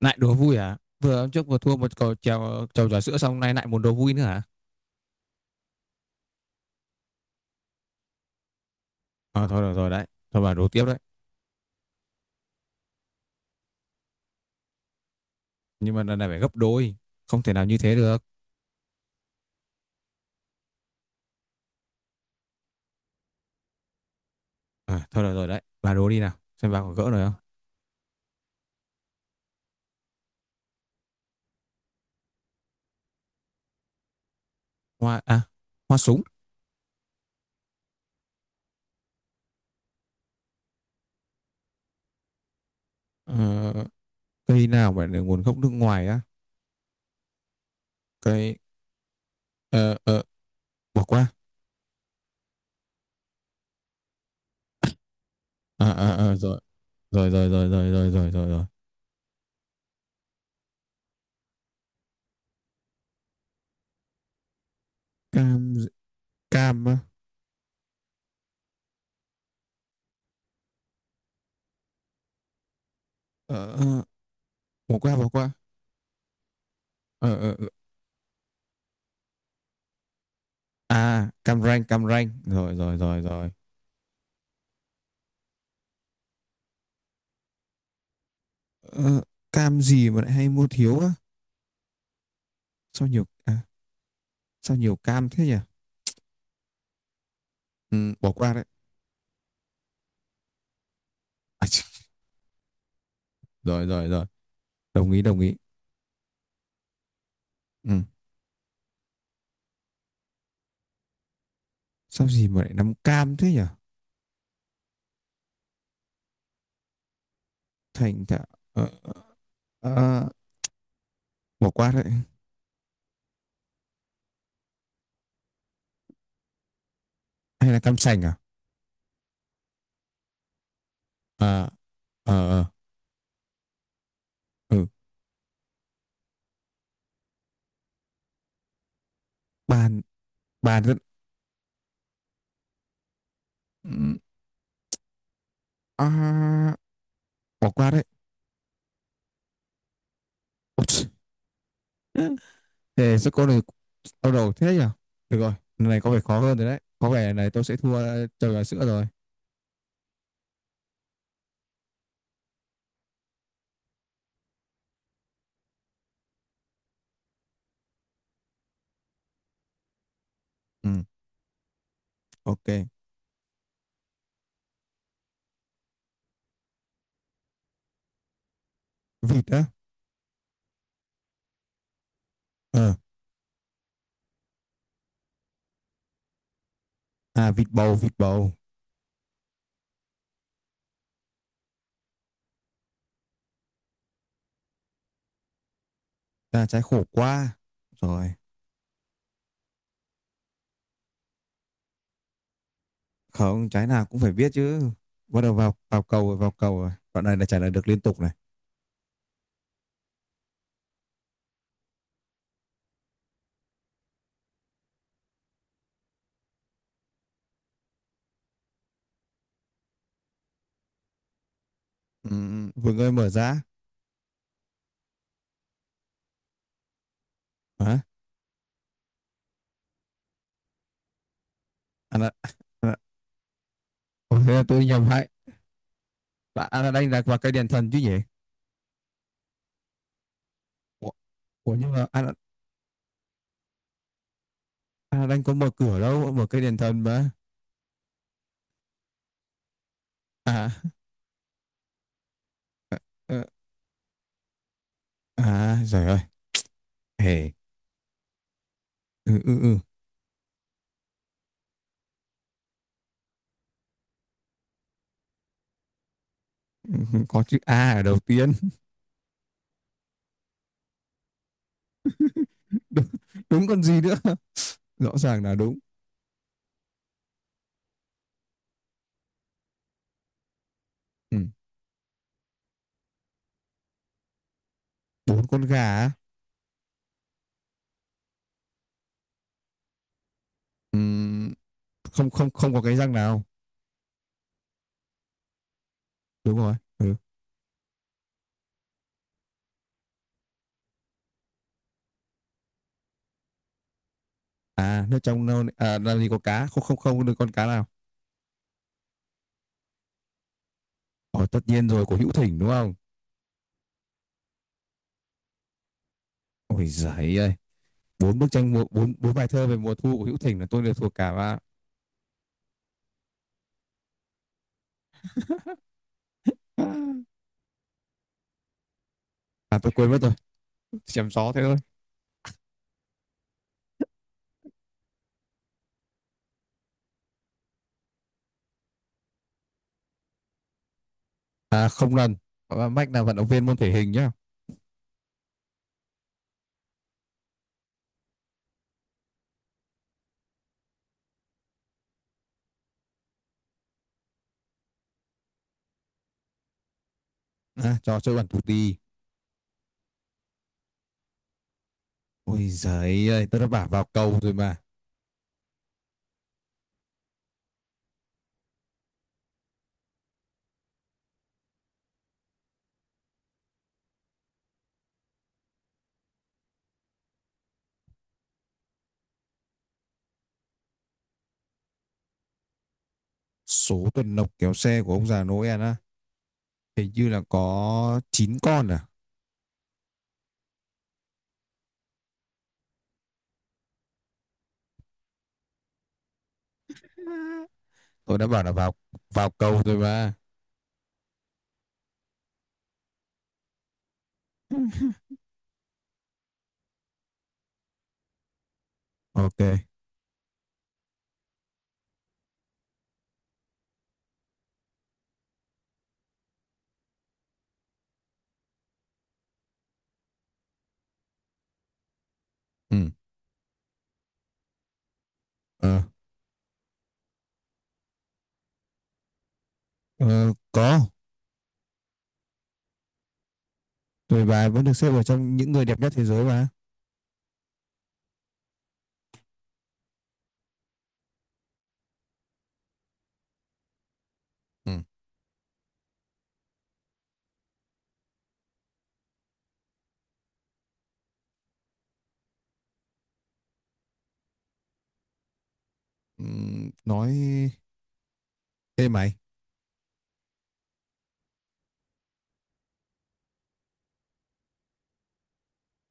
Lại đố vui à? Vừa hôm trước vừa thua một cầu trèo trầu trà sữa xong nay lại muốn đố vui nữa hả? À, thôi được rồi đấy. Thôi bà đố tiếp đấy. Nhưng mà lần này phải gấp đôi. Không thể nào như thế được. À, thôi được rồi đấy, bà đố đi nào. Xem bà có gỡ rồi không. Hoa à? Hoa súng. Ờ, Cây nào mà được nguồn gốc nước ngoài á? Cây. ờ ờ Bỏ qua. À, à, à, Rồi, rồi, rồi, rồi, rồi, rồi, rồi, rồi, rồi. Cam. Cam á. Ờ, ờ. Bỏ qua, bỏ qua. Ờ, ờ, ờ. À, Cam Ranh, Cam Ranh, rồi, rồi, rồi, rồi. Ờ, cam gì mà lại hay mua thiếu á? Sao nhiều à, sao nhiều cam thế nhỉ? Ừ, bỏ qua đấy. À, chì, rồi, rồi, rồi. Đồng ý, đồng ý. Ừ. Sao gì mà lại nắm cam thế nhỉ? Thành thạo. Ờ, ờ, ờ, bỏ qua đấy. Hay là cam sành à? À, ờ, ờ. Ừ. Bàn. Bàn rất. Ừ, à, bỏ qua đấy. Ôi, chì. Thế sao con này, đau đầu thế nhỉ? Được rồi, lần này có vẻ khó hơn rồi đấy, có vẻ lần này tôi sẽ thua. Ờ, trời, gà sữa rồi. Ừ, ok. Vịt á. Ờ. À, vịt bầu, vịt bầu. À, trái khổ qua. Rồi, không, trái nào cũng phải biết chứ. Bắt đầu vào vào cầu rồi, vào cầu rồi. Đoạn này là trả lời được liên tục này. Ừ, Vương ơi mở ra. Hả? À, là, à, là, Ủa, thế là tôi nhầm hại. Anh Aladdin là vào cây đèn thần chứ nhỉ? Ủa, Ủa nhưng mà Aladdin có mở cửa đâu, mở cây đèn thần mà. À, ờ, à, trời ơi. Hề. Ừ, ừ, ừ. Ừ, có chữ A ở đầu tiên. Đúng, đúng còn gì nữa. Rõ ràng là đúng. Ừ. Bốn con gà á. Ừm, không không không có cái răng nào. Đúng rồi. Ừ. À, nước trong nâu à, làm gì có cá, không không không được con cá nào. Ồ, tất nhiên rồi, của Hữu Thỉnh đúng không? Ôi giời ơi. Bốn bức tranh mùa, bốn bốn bài thơ về mùa thu của Hữu Thỉnh là tôi đều thuộc cả và à tôi quên mất rồi. Chém gió thế thôi. À không lần. Và Mách là vận động viên môn thể hình nhá. À, trò chơi bản tù tì. Ôi giời ơi, tôi đã bảo vào cầu rồi mà. Số tuần lộc kéo xe của ông già Noel á, hình như là có 9 con. À? Tôi đã bảo là vào vào cầu rồi bà. Ok. Ừ. Ờ. Ờ, có. Tuổi bà vẫn được xếp vào trong những người đẹp nhất thế giới mà. Ừ. Ừ, nói ê mày.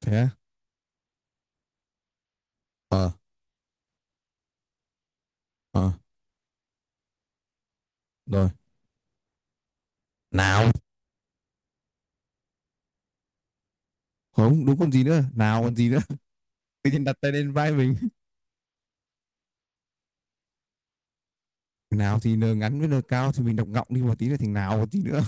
Thế á? Ờ. Ờ. Rồi. Nào. Không đúng còn gì nữa, nào còn gì nữa. Tự nhiên đặt tay lên vai mình. Nào thì n ngắn với n cao thì mình đọc ngọng đi một tí nữa thì nào còn gì nữa.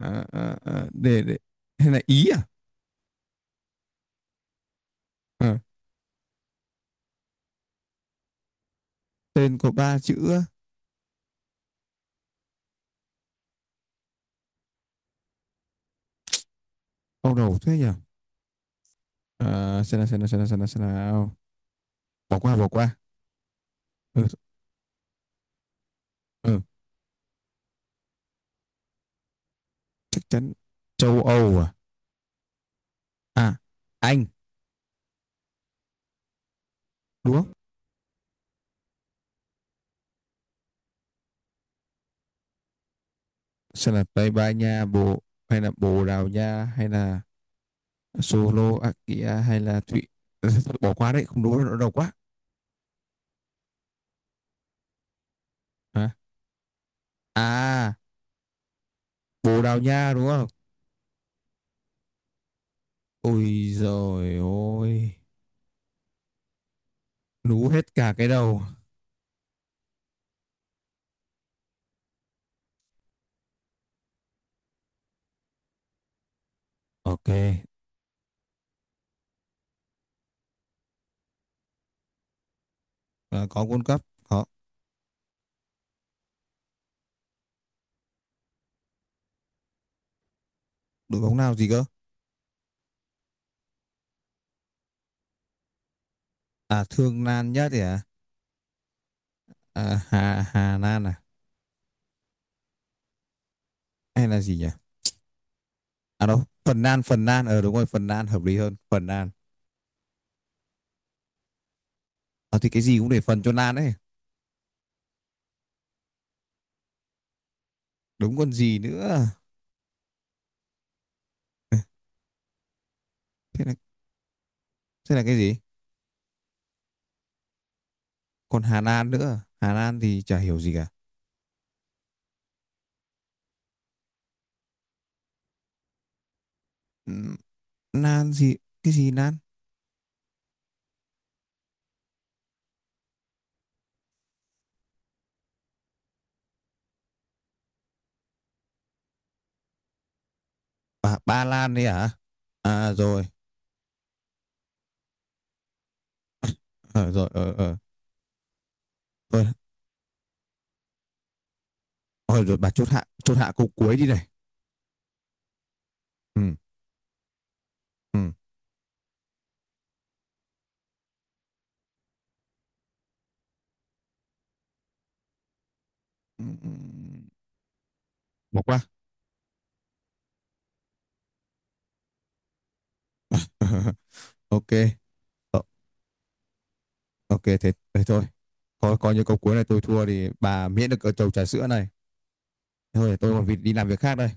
À, à, à, để hay là ý à. Ờ, tên có ba chữ. Ông đầu thế nhỉ? À, xem nào, xem nào, xem nào, xem nào, xem nào. Bỏ qua, bỏ qua. Ừ, ừ, chắc chắn. Châu Âu à? À, Anh đúng không? Sẽ là Tây Ban Nha, hay là Bồ Đào Nha, hay là Slovakia, hay là bỏ qua đấy. Không đúng, nó đầu quá. Hả? À, Bồ Đào Nha đúng không? Ôi rồi, ôi lú hết cả cái đầu. Ok. À, có World Cup, có. Đội bóng nào gì cơ? À, Thương Lan nhất thì à, à, Hà Hà Lan à? Hay là gì nhỉ? À đâu, Phần Lan, Phần Lan, đúng rồi Phần Lan hợp lý hơn, Phần Lan. Ờ thì cái gì cũng để phần cho Lan ấy. Đúng còn gì nữa. Thế là, thế là cái gì? Còn Hà Lan nữa. Hà Lan thì chả hiểu gì cả. Ừ, Lan gì? Cái gì Lan? À, Ba Lan đấy à? À rồi. Ờ rồi. Ờ, ờ. Thôi. Ờ rồi, bà chốt hạ. Chốt hạ câu cuối đi này. Ừ. Ừ. Ừ, ừ. Bỏ qua. Ok. Ờ, ok, thế thôi. Coi coi như câu cuối này tôi thua thì bà miễn được ở chầu trà sữa này. Thôi, tôi còn việc đi làm việc khác đây.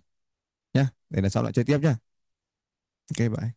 Nhá. Để lần sau lại chơi tiếp nhá. Ok bye.